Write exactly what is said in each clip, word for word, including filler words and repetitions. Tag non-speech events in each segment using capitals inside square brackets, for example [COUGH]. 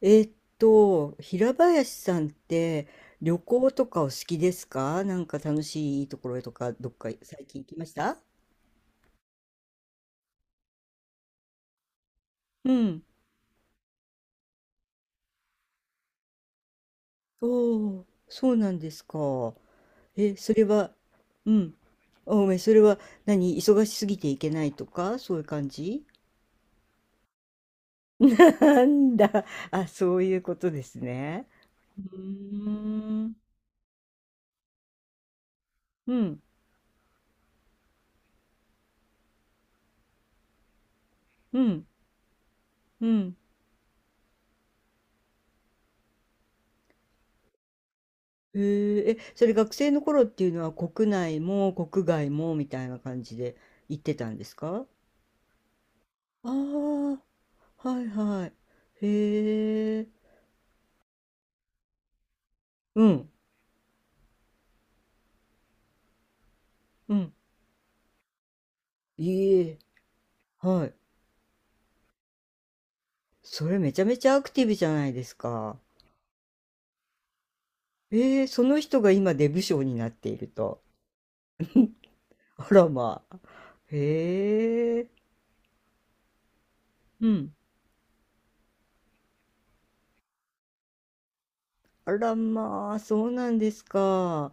えーっと、平林さんって、旅行とかお好きですか？なんか楽しいところとかどっか最近行きました？うん。おー、そうなんですか。え、それは、うん。あ、ごめん、それは、何、忙しすぎていけないとかそういう感じ？ [LAUGHS] なんだ。あ、そういうことですね。うーん。うん。うん。うん。へえ、え、それ学生の頃っていうのは国内も国外もみたいな感じで行ってたんですか？ああー、はいはい。へえ、うん、うん。いえ、はい。それめちゃめちゃアクティブじゃないですか。ええ、その人が今デブ賞になっていると。あらまあ。へえ、うん。あらまあ、そうなんですか。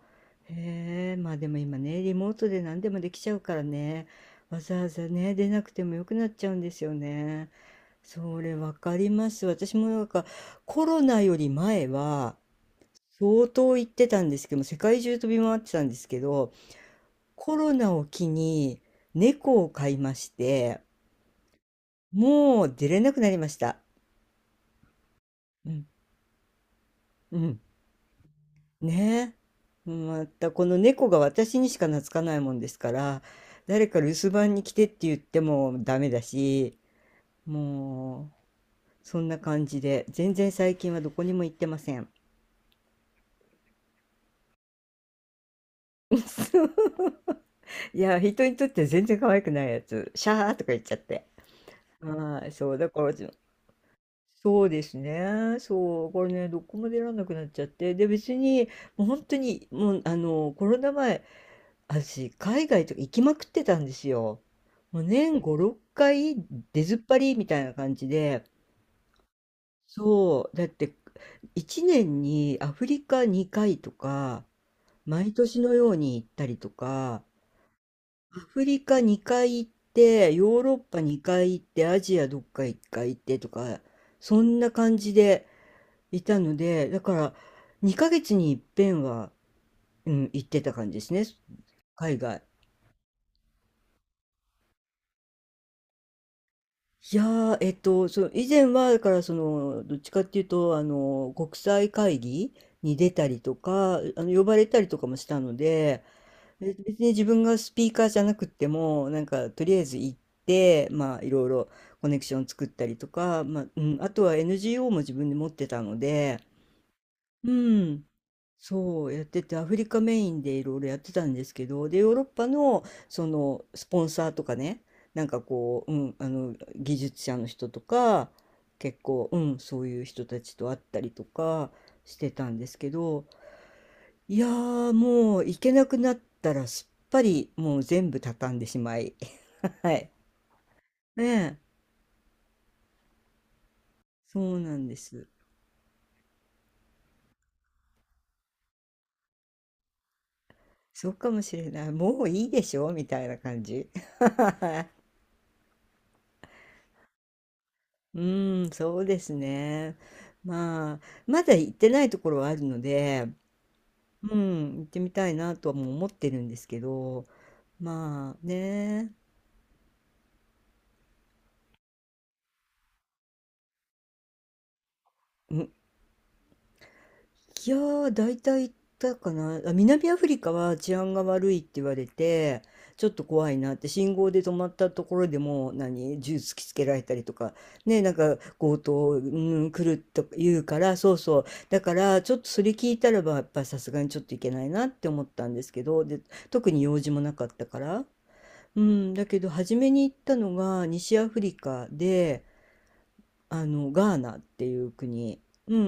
へえ、まあでも今ね、リモートで何でもできちゃうからね、わざわざね、出なくてもよくなっちゃうんですよね。それわかります。私もなんかコロナより前は相当行ってたんですけども、世界中飛び回ってたんですけど、コロナを機に猫を飼いまして、もう出れなくなりました。うん、うん。ねえ。またこの猫が私にしか懐かないもんですから、誰か留守番に来てって言ってもダメだし、もうそんな感じで、全然最近はどこにも行ってません。[LAUGHS] いや、人にとって全然可愛くないやつ、シャーとか言っちゃって。はい、そう、だから、そうですね。そう、これね、どこも出られなくなっちゃって。で、別に、もう本当に、もう、あの、コロナ前、私、海外とか行きまくってたんですよ。もう年ご、ろっかい出ずっぱりみたいな感じで、そう、だっていちねんにアフリカにかいとか、毎年のように行ったりとか、アフリカにかい行って、ヨーロッパにかい行って、アジアどっかいっかい行ってとか、そんな感じでいたので、だからにかげつに一遍は、うん、行ってた感じですね、海外。いやー、えっと、その以前はだからそのどっちかっていうとあの国際会議に出たりとか、あの呼ばれたりとかもしたので、え別に自分がスピーカーじゃなくってもなんかとりあえず行って、まあいろいろコネクション作ったりとか、まあうん、あとは エヌジーオー も自分で持ってたので、うん、そうやっててアフリカメインでいろいろやってたんですけど、でヨーロッパのそのスポンサーとかね、なんかこう、うん、あの技術者の人とか結構、うん、そういう人たちと会ったりとかしてたんですけど、いやーもう行けなくなったらすっぱりもう全部畳んでしまい、 [LAUGHS] はい。ねえ。そうなんです。そうかもしれない、もういいでしょみたいな感じ。 [LAUGHS] はい。うーん、そうですね。まあ、まだ行ってないところはあるので、うん、行ってみたいなとはもう思ってるんですけど、まあね、いやー、大体行ったかな。あ、南アフリカは治安が悪いって言われて、ちょっと怖いなって、信号で止まったところでもう、何、銃突きつけられたりとか、ね、なんか強盗、うん、来ると言うから、そうそう。だから、ちょっとそれ聞いたらば、やっぱさすがにちょっといけないなって思ったんですけど、で、特に用事もなかったから。うん、だけど、初めに行ったのが西アフリカで、あのガーナっていう国、うんうんう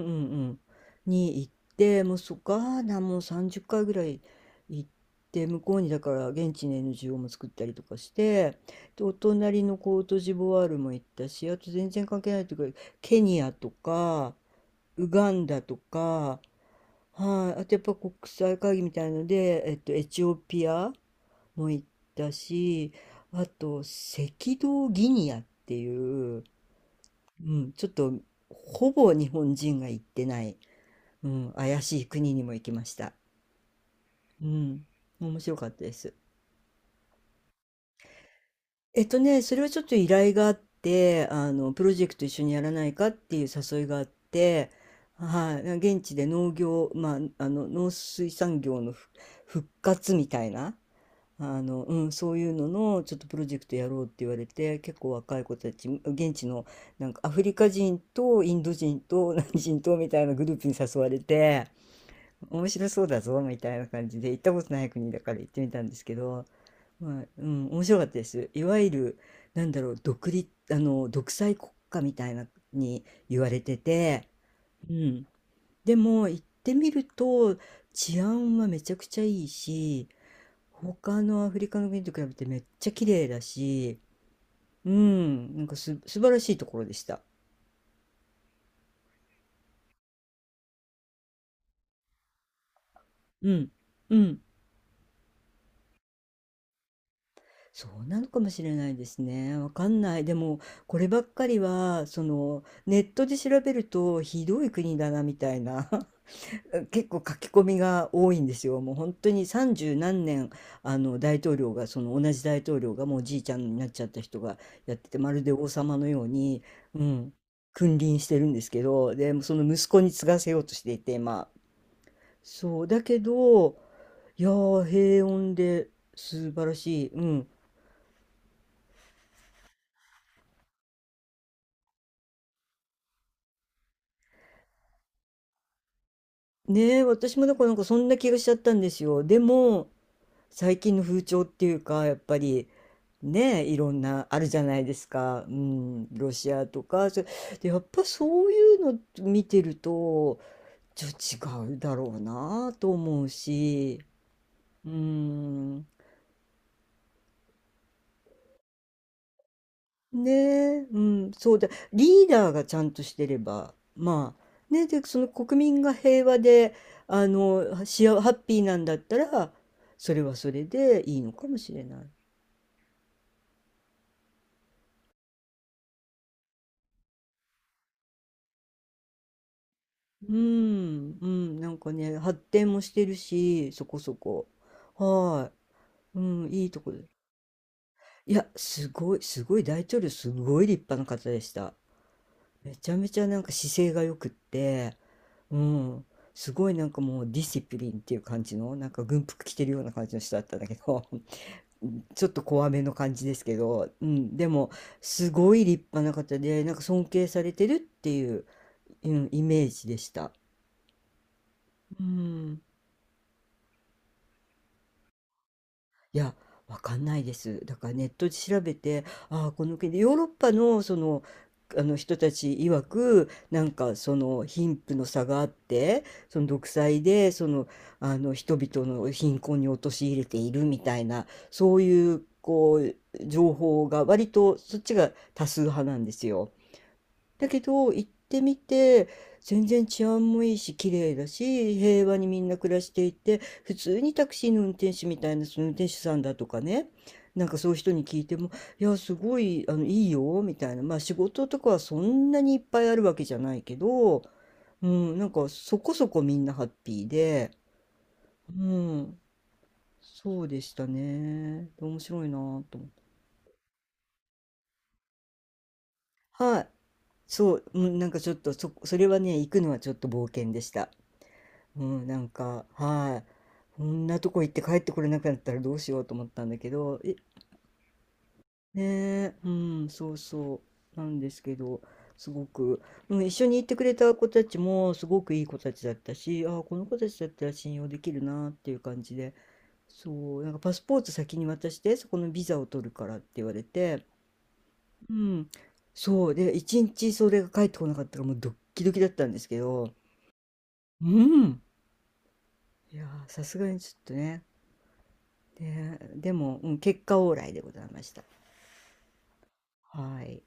ん、に行って、もうそガーナもさんじゅっかいぐらい行って、向こうにだから現地の エヌジーオー も作ったりとかして、でお隣のコートジボワールも行ったし、あと全然関係ないというかケニアとかウガンダとか、はい、あとやっぱ国際会議みたいので、えっと、エチオピアも行ったし、あと赤道ギニアっていう。うん、ちょっと、ほぼ日本人が行ってない、うん、怪しい国にも行きました。うん、面白かったです。えっとね、それはちょっと依頼があって、あの、プロジェクト一緒にやらないかっていう誘いがあって、はい、現地で農業、まあ、あの、農水産業のふ復活みたいな、あの、うん、そういうののちょっとプロジェクトやろうって言われて、結構若い子たち現地の、なんかアフリカ人とインド人と [LAUGHS] 何人とみたいなグループに誘われて、面白そうだぞみたいな感じで、行ったことない国だから行ってみたんですけど、まあ、うん、面白かったです。いわゆる、なんだろう、独立あの独裁国家みたいなに言われてて、うん、でも行ってみると治安はめちゃくちゃいいし。他のアフリカの国と比べてめっちゃ綺麗だし、うん、なんかす、素晴らしいところでした。うん、うん。そうなのかもしれないですね。わかんない。でも、こればっかりは、その、ネットで調べるとひどい国だな、みたいな。結構書き込みが多いんですよ。もう本当にさんじゅうなんねん、あの大統領が、その同じ大統領がもうおじいちゃんになっちゃった人がやってて、まるで王様のように、うん、君臨してるんですけど、でその息子に継がせようとしていて、まあそうだけど、いやー平穏で素晴らしい。うん、ねえ、私もだからなんかそんな気がしちゃったんですよ。でも最近の風潮っていうかやっぱりね、いろんなあるじゃないですか、うん、ロシアとかそれで、やっぱそういうの見てるとちょっと違うだろうなと思うし、うん、ねえ、うん、そうだ、リーダーがちゃんとしてれば、まあね、でその国民が平和で、あの幸ハッピーなんだったら、それはそれでいいのかもしれない。うん、うん、なんかね、発展もしてるし、そこそこ。はい。うん、いいとこで。いや、すごい、すごい、大統領、すごい立派な方でした。めちゃめちゃなんか姿勢が良くって、うん、すごいなんかもうディシプリンっていう感じの、なんか軍服着てるような感じの人だったんだけど、[LAUGHS] ちょっと怖めの感じですけど、うん、でも、すごい立派な方で、なんか尊敬されてるっていう、うん、イメージでした。うん、いや、わかんないです。だからネットで調べて、ああ、この国でヨーロッパのその、あの人たち曰く、なんかその貧富の差があって、その独裁で、その、あの人々の貧困に陥れているみたいな、そういう、こう、情報が割とそっちが多数派なんですよ。だけど行ってみて全然治安もいいし綺麗だし平和にみんな暮らしていて、普通にタクシーの運転手みたいな、その運転手さんだとかね、なんかそういう人に聞いても「いやすごいあのいいよ」みたいな、まあ仕事とかはそんなにいっぱいあるわけじゃないけど、うん、なんかそこそこみんなハッピーで、うん、そうでしたね、面白いなぁと思って。はい、そう、うん、なんかちょっとそ、それはね、行くのはちょっと冒険でした。うん、なんか、はい。こんなとこ行って帰ってこれなくなったらどうしようと思ったんだけど、え、ねえ、うん、そうそう、なんですけど、すごく、うん、一緒に行ってくれた子たちもすごくいい子たちだったし、ああ、この子たちだったら信用できるなっていう感じで、そう、なんかパスポート先に渡して、そこのビザを取るからって言われて、うん、そう、で、一日それが帰ってこなかったからもうドッキドキだったんですけど、うん、いやー、さすがにちょっとね、で、でも、うん、結果オーライでございました。はい。